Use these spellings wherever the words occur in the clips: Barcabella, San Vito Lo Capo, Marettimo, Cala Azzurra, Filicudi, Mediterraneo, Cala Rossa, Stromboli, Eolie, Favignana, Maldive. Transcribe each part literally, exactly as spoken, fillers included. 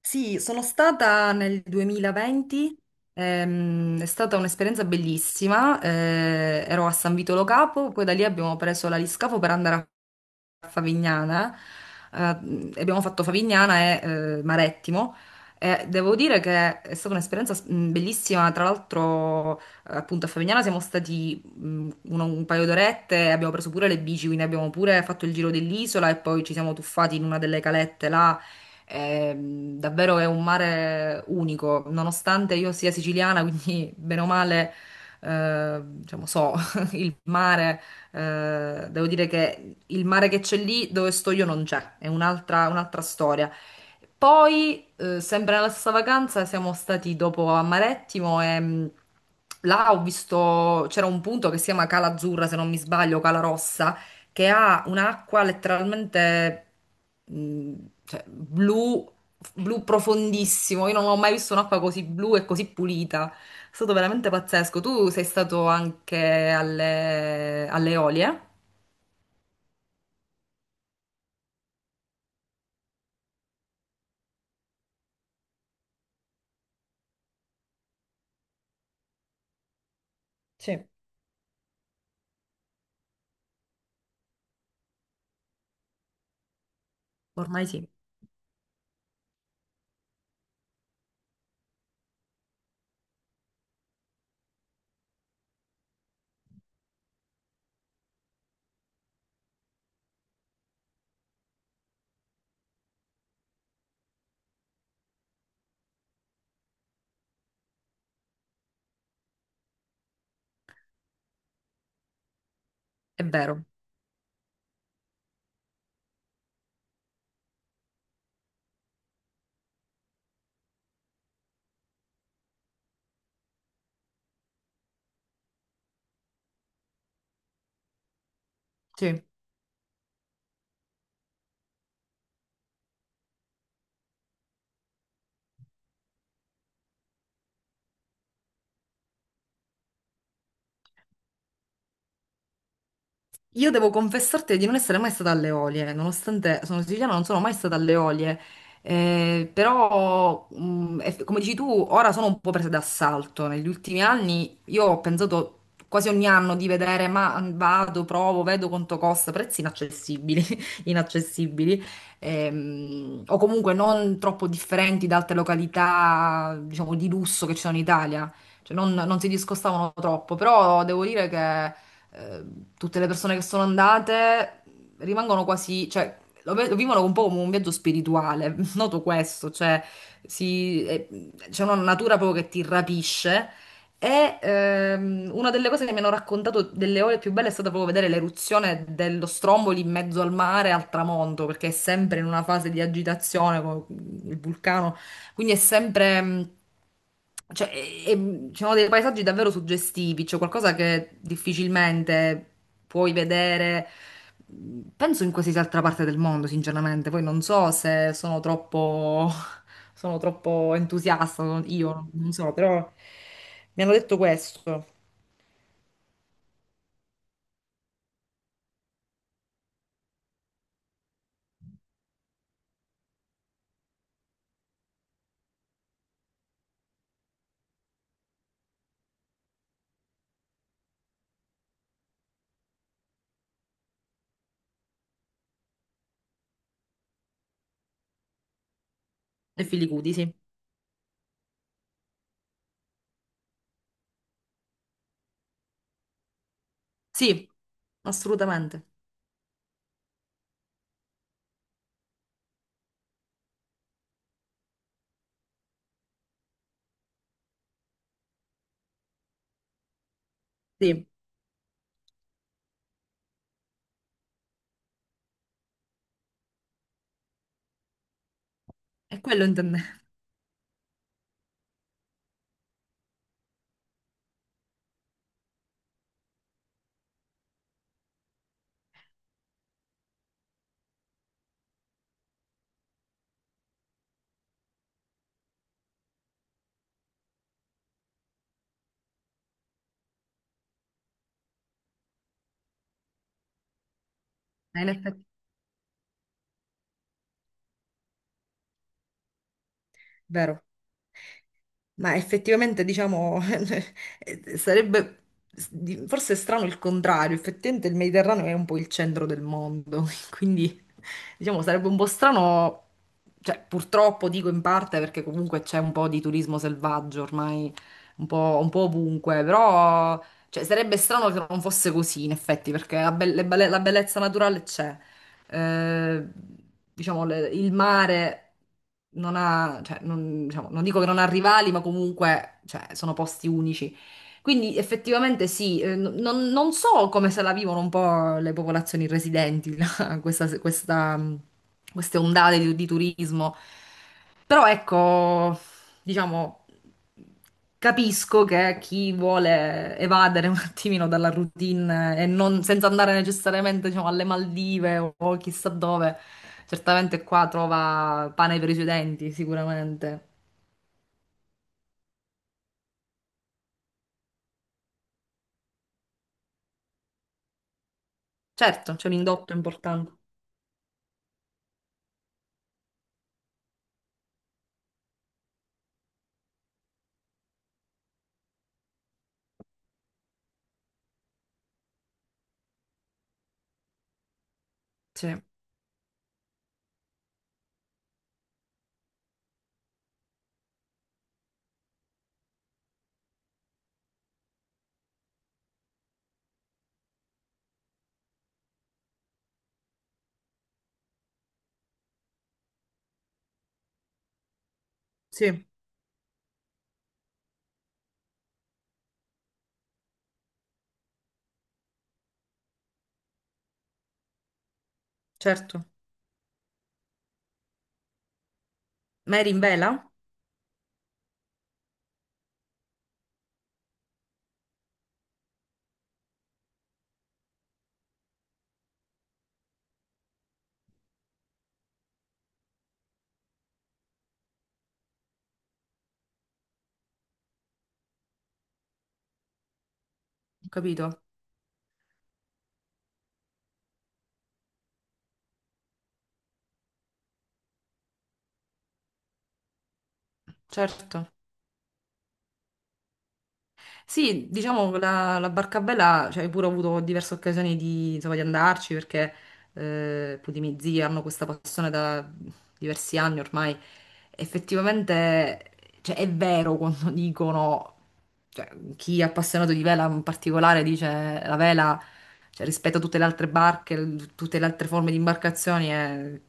Sì, sono stata nel duemilaventi, ehm, è stata un'esperienza bellissima, eh, ero a San Vito Lo Capo, poi da lì abbiamo preso la l'aliscafo per andare a Favignana, eh, e abbiamo fatto Favignana e eh, Marettimo. E devo dire che è stata un'esperienza s- mh, bellissima. Tra l'altro, eh, appunto, a Favignana siamo stati mh, un, un paio d'orette, abbiamo preso pure le bici, quindi abbiamo pure fatto il giro dell'isola e poi ci siamo tuffati in una delle calette là. E, mh, davvero è un mare unico, nonostante io sia siciliana, quindi bene o male, eh, diciamo, so il mare. Eh, devo dire che il mare che c'è lì dove sto io non c'è, è un'altra un'altra storia. Poi, eh, sempre nella stessa vacanza, siamo stati dopo a Marettimo e mh, là ho visto, c'era un punto che si chiama Cala Azzurra, se non mi sbaglio, Cala Rossa, che ha un'acqua letteralmente mh, cioè, blu, blu profondissimo. Io non ho mai visto un'acqua così blu e così pulita. È stato veramente pazzesco. Tu sei stato anche alle, alle Eolie? Sì. Ormai sì, è vero. Sì. Io devo confessarti di non essere mai stata alle Olie, nonostante sono siciliana, non sono mai stata alle Olie. Eh, però, mh, eff- come dici tu, ora sono un po' presa d'assalto. Negli ultimi anni io ho pensato quasi ogni anno di vedere, ma vado, provo, vedo quanto costa, prezzi inaccessibili, inaccessibili, ehm, o comunque non troppo differenti da altre località, diciamo, di lusso che ci sono in Italia. Cioè, non non si discostavano troppo, però devo dire che eh, tutte le persone che sono andate rimangono quasi, cioè, lo, ve- lo vivono un po' come un viaggio spirituale, noto questo, cioè, si- eh, c'è una natura proprio che ti rapisce. E ehm, una delle cose che mi hanno raccontato delle ore più belle è stata proprio vedere l'eruzione dello Stromboli in mezzo al mare al tramonto, perché è sempre in una fase di agitazione con il vulcano, quindi è sempre. mh, cioè, e- e ci sono dei paesaggi davvero suggestivi, cioè qualcosa che difficilmente puoi vedere, penso in qualsiasi altra parte del mondo, sinceramente. Poi non so se sono troppo, sono troppo entusiasta, non- io non so, però mi hanno detto questo. E Filicudi, sì. Sì, assolutamente. Sì, è quello intendevo. vero? Ma effettivamente, diciamo, sarebbe forse è strano il contrario. Effettivamente il Mediterraneo è un po' il centro del mondo, quindi diciamo sarebbe un po' strano, cioè purtroppo dico in parte perché comunque c'è un po' di turismo selvaggio ormai un po', un po' ovunque, però cioè, sarebbe strano che non fosse così in effetti, perché la, be- le belle- la bellezza naturale c'è eh, diciamo, le- il mare non ha, cioè, non, diciamo, non dico che non ha rivali, ma comunque, cioè, sono posti unici. Quindi effettivamente sì, eh, n- non, non so come se la vivono un po' le popolazioni residenti, là, questa- questa- queste ondate di, di turismo, però ecco, diciamo, capisco che chi vuole evadere un attimino dalla routine e non, senza andare necessariamente, diciamo, alle Maldive o o chissà dove, certamente qua trova pane per i suoi denti, sicuramente. Certo, c'è un indotto importante. Sì, sì, certo. Mary in vela? Ho capito. Certo. Sì, diciamo che la, la Barcabella, cioè, hai pure avuto diverse occasioni di, insomma, di andarci perché eh, appunto i miei zii hanno questa passione da diversi anni ormai. Effettivamente, cioè, è vero quando dicono, cioè, chi è appassionato di vela in particolare dice la vela. Cioè, rispetto a tutte le altre barche, tutte le altre forme di imbarcazioni, è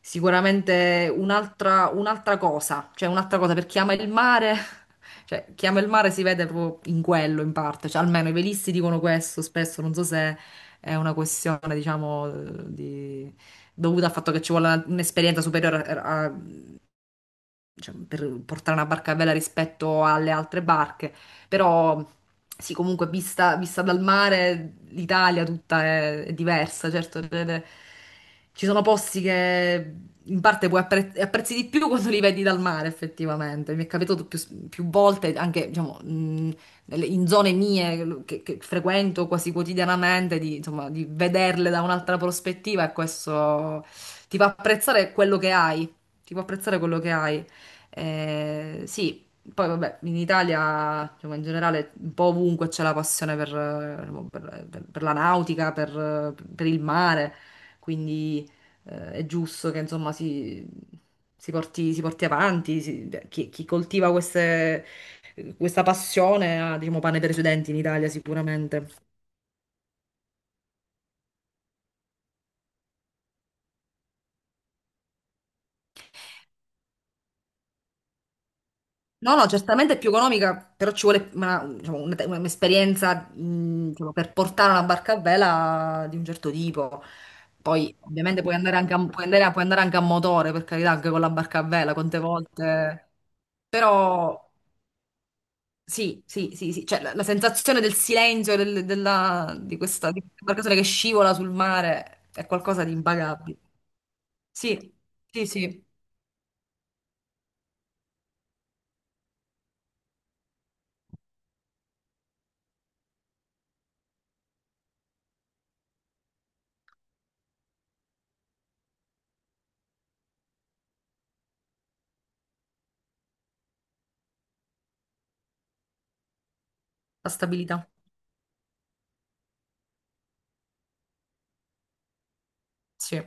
sicuramente un'altra un'altra cosa. Cioè, un'altra cosa per chi ama il mare. Cioè, chi ama il mare si vede proprio in quello, in parte. Cioè, almeno i velisti dicono questo spesso, non so se è una questione, diciamo, di- dovuta al fatto che ci vuole una- un'esperienza superiore a, cioè, per portare una barca bella rispetto alle altre barche, però sì, comunque vista, vista dal mare l'Italia tutta è, è diversa, certo, le- le- ci sono posti che in parte puoi appre- apprezzi di più quando li vedi dal mare, effettivamente. Mi è capitato più, più volte, anche diciamo, mh, nelle- in zone mie che, che frequento quasi quotidianamente, di, insomma, di vederle da un'altra prospettiva e questo ti fa apprezzare quello che hai. Ti fa apprezzare quello che hai. Eh, sì, poi vabbè, in Italia, diciamo, in generale, un po' ovunque c'è la passione per, eh, per- per- per la nautica, per, per il mare, quindi eh, è giusto che insomma si, si porti, si porti avanti, si- chi, chi coltiva queste- questa passione ha, diciamo, pane per i suoi denti in Italia sicuramente. No, no, certamente è più economica, però ci vuole una- diciamo, una- un'esperienza mh, diciamo, per portare una barca a vela di un certo tipo. Poi, ovviamente, puoi andare anche a, puoi andare, puoi andare anche a motore, per carità, anche con la barca a vela, quante volte. Però, sì, sì, sì, sì. Cioè, la, la sensazione del silenzio del- della- di questa, di questa barcatura che scivola sul mare è qualcosa di impagabile. Sì, sì, sì, la stabilità. Sì.